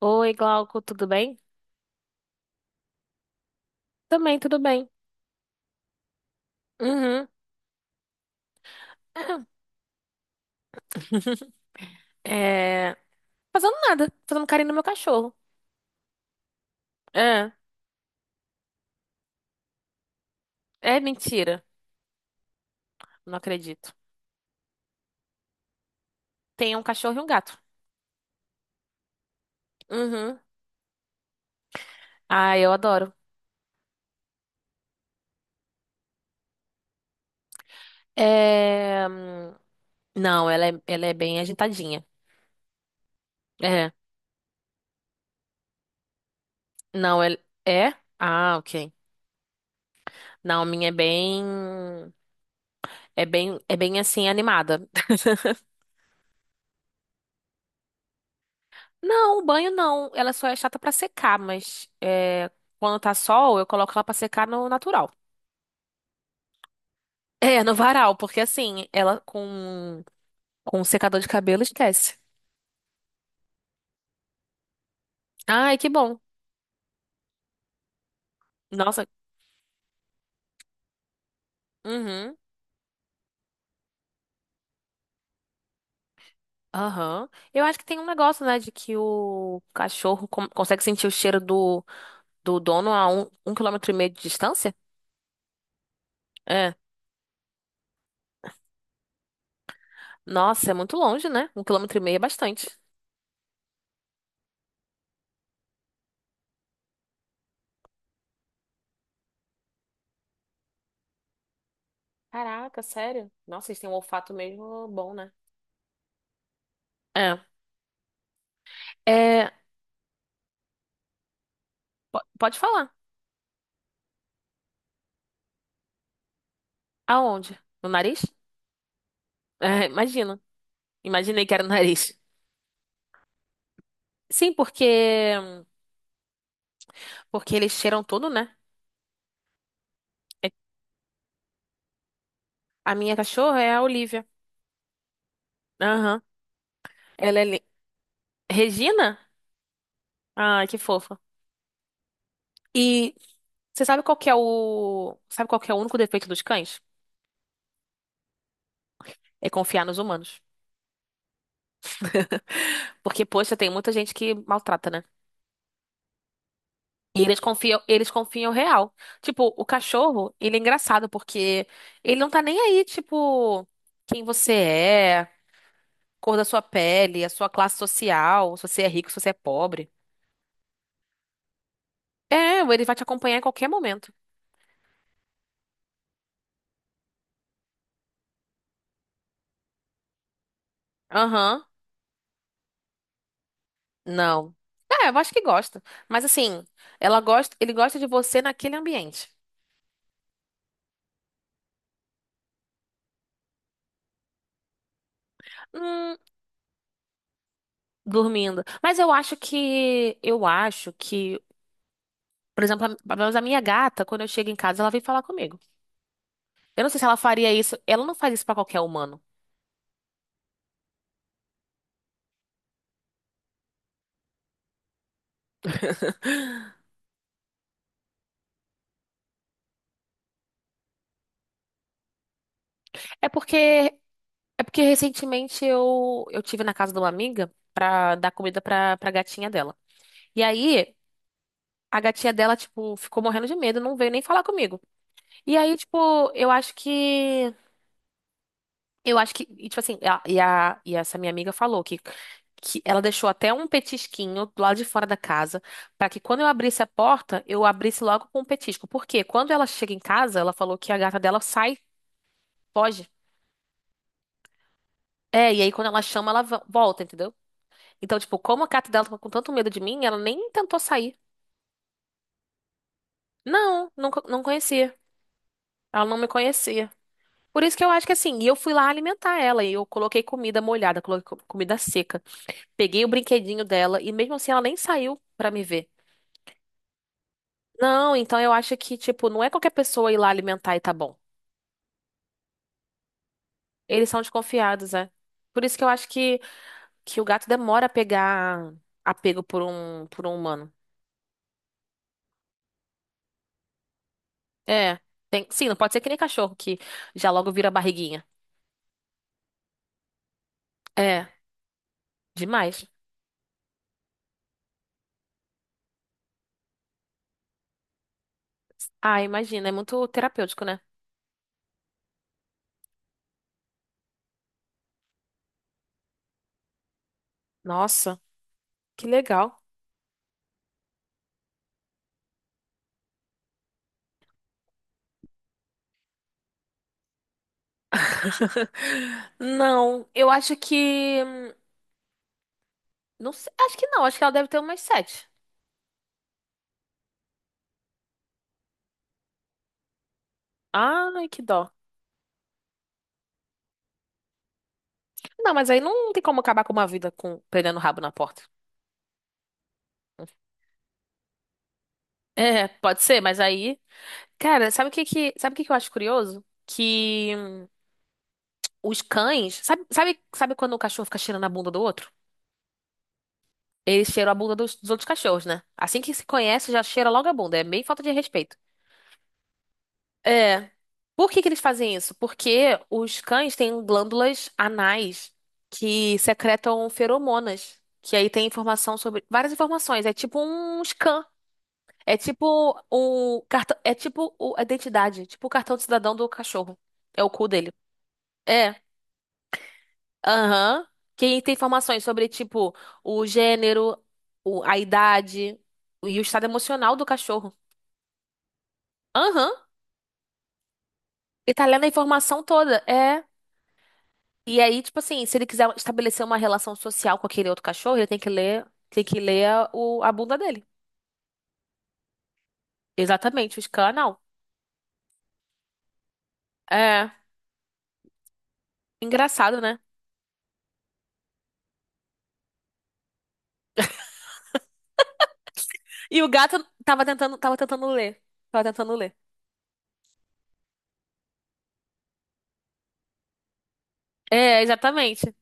Oi, Glauco, tudo bem? Também, tudo bem. Uhum. É. Fazendo nada, fazendo carinho no meu cachorro. É, é mentira. Não acredito. Tem um cachorro e um gato. Uhum. Ah, eu adoro. É... hum, Não, ela é bem agitadinha. É. Não, ela é? Ah, ok. Não, a minha é bem. É bem assim, animada. Não, o banho não. Ela só é chata pra secar, mas quando tá sol, eu coloco ela pra secar no natural. É, no varal, porque assim, ela com um secador de cabelo esquece. Ai, que bom. Nossa. Uhum. Aham. Eu acho que tem um negócio, né, de que o cachorro consegue sentir o cheiro do dono a um quilômetro e meio de distância. É. Nossa, é muito longe, né? 1,5 km é bastante. Caraca, sério? Nossa, eles têm um olfato mesmo bom, né? É. É, pode falar. Aonde? No nariz? É, imagino. Imaginei que era no nariz. Sim, porque eles cheiram tudo, né? É- A minha cachorra é a Olivia. Aham. Ela é. li- Regina? Ai, que fofa. E você sabe qual que é o. Sabe qual que é o único defeito dos cães? É confiar nos humanos. Porque, poxa, tem muita gente que maltrata, né? E eles confiam real. Tipo, o cachorro, ele é engraçado porque ele não tá nem aí, tipo, quem você é, cor da sua pele, a sua classe social, se você é rico, se você é pobre. É, ele vai te acompanhar em qualquer momento. Aham. Não. É, eu acho que gosta. Mas assim, ela gosta, ele gosta de você naquele ambiente. Hum, dormindo. Mas eu acho que, por exemplo, pelo menos a minha gata, quando eu chego em casa, ela vem falar comigo. Eu não sei se ela faria isso. Ela não faz isso pra qualquer humano. É porque, é porque recentemente eu tive na casa de uma amiga pra dar comida pra gatinha dela. E aí, a gatinha dela, tipo, ficou morrendo de medo, não veio nem falar comigo. E aí, tipo, eu acho que, e, tipo assim, a, e essa minha amiga falou que ela deixou até um petisquinho do lado de fora da casa, pra que quando eu abrisse a porta, eu abrisse logo com um petisco. Porque quando ela chega em casa, ela falou que a gata dela sai, foge. É, e aí quando ela chama, ela volta, entendeu? Então, tipo, como a gata dela tava com tanto medo de mim, ela nem tentou sair. Não, nunca, não conhecia. Ela não me conhecia. Por isso que eu acho que assim, e eu fui lá alimentar ela, e eu coloquei comida molhada, coloquei comida seca. Peguei o brinquedinho dela e mesmo assim ela nem saiu pra me ver. Não, então eu acho que, tipo, não é qualquer pessoa ir lá alimentar e tá bom. Eles são desconfiados, é. Por isso que eu acho que o gato demora a pegar apego por um humano. É. Tem, sim, não pode ser que nem cachorro que já logo vira barriguinha. É, demais. Ah, imagina, é muito terapêutico, né? Nossa, que legal. Não, eu acho que. Não sei, acho que não, acho que ela deve ter umas sete. Ai, que dó. Não, mas aí não tem como acabar com uma vida com pegando o rabo na porta. É, pode ser, mas aí. Cara, sabe o que que eu acho curioso? Que os cães. Sabe quando o cachorro fica cheirando a bunda do outro? Eles cheiram a bunda dos outros cachorros, né? Assim que se conhece, já cheira logo a bunda. É meio falta de respeito. É. Por que que eles fazem isso? Porque os cães têm glândulas anais que secretam feromonas. Que aí tem informação sobre. Várias informações. É tipo um scan. É tipo o cartão, é tipo a identidade, tipo o cartão de cidadão do cachorro. É o cu dele. É. Aham. Quem tem informações sobre tipo o gênero, a idade e o estado emocional do cachorro. Aham. Ele tá lendo a informação toda. É. E aí, tipo assim, se ele quiser estabelecer uma relação social com aquele outro cachorro, ele tem que ler a bunda dele. Exatamente, o canal. É. Engraçado, né? E o gato tava tentando ler. Tava tentando ler. É, exatamente.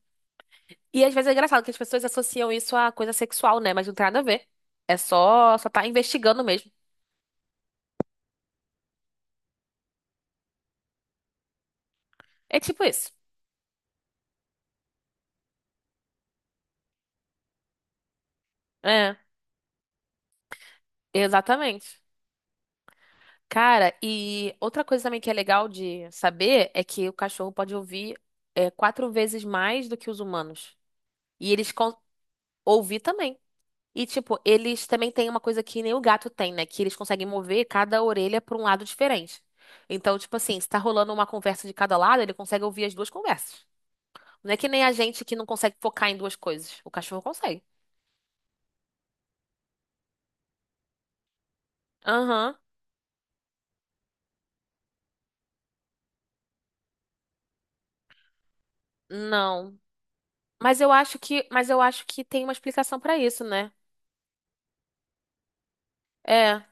E às vezes é engraçado que as pessoas associam isso a coisa sexual, né? Mas não tem nada a ver. É só tá investigando mesmo. É tipo isso. É, exatamente. Cara, e outra coisa também que é legal de saber é que o cachorro pode ouvir 4 vezes mais do que os humanos. E eles con ouvir também. E, tipo, eles também têm uma coisa que nem o gato tem, né? Que eles conseguem mover cada orelha para um lado diferente. Então, tipo assim, se tá rolando uma conversa de cada lado, ele consegue ouvir as duas conversas. Não é que nem a gente que não consegue focar em duas coisas. O cachorro consegue. Aham. Não. Mas eu acho que tem uma explicação pra isso, né? É,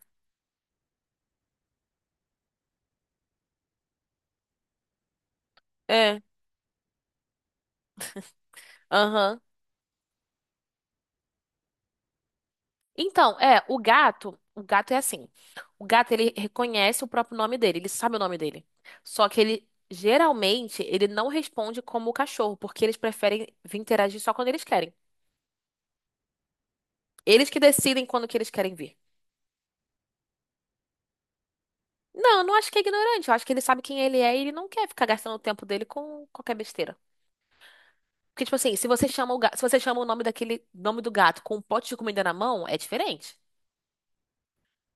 é. Aham. Então, é, o gato é assim. O gato ele reconhece o próprio nome dele, ele sabe o nome dele. Só que ele geralmente ele não responde como o cachorro, porque eles preferem vir interagir só quando eles querem. Eles que decidem quando que eles querem vir. Não, eu não acho que é ignorante. Eu acho que ele sabe quem ele é e ele não quer ficar gastando o tempo dele com qualquer besteira. Porque, tipo assim, se você chama o gato, se você chama o nome daquele nome do gato com um pote de comida na mão, é diferente.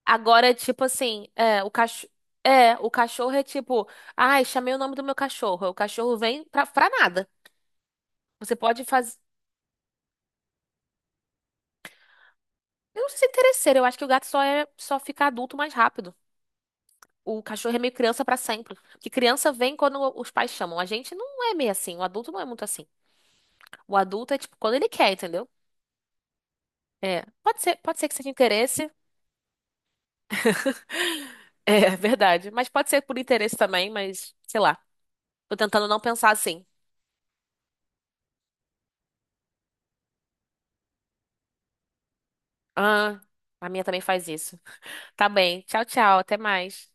Agora, tipo assim, é, o cachorro. É, o cachorro é tipo, ai, chamei o nome do meu cachorro. O cachorro vem pra nada. Você pode fazer. Eu não sei se é interesseiro, eu acho que o gato só fica adulto mais rápido. O cachorro é meio criança pra sempre. Porque criança vem quando os pais chamam. A gente não é meio assim, o adulto não é muito assim. O adulto é tipo quando ele quer, entendeu? É, pode ser que seja interesse. É verdade. Mas pode ser por interesse também, mas sei lá. Tô tentando não pensar assim. Ah, a minha também faz isso. Tá bem. Tchau, tchau. Até mais.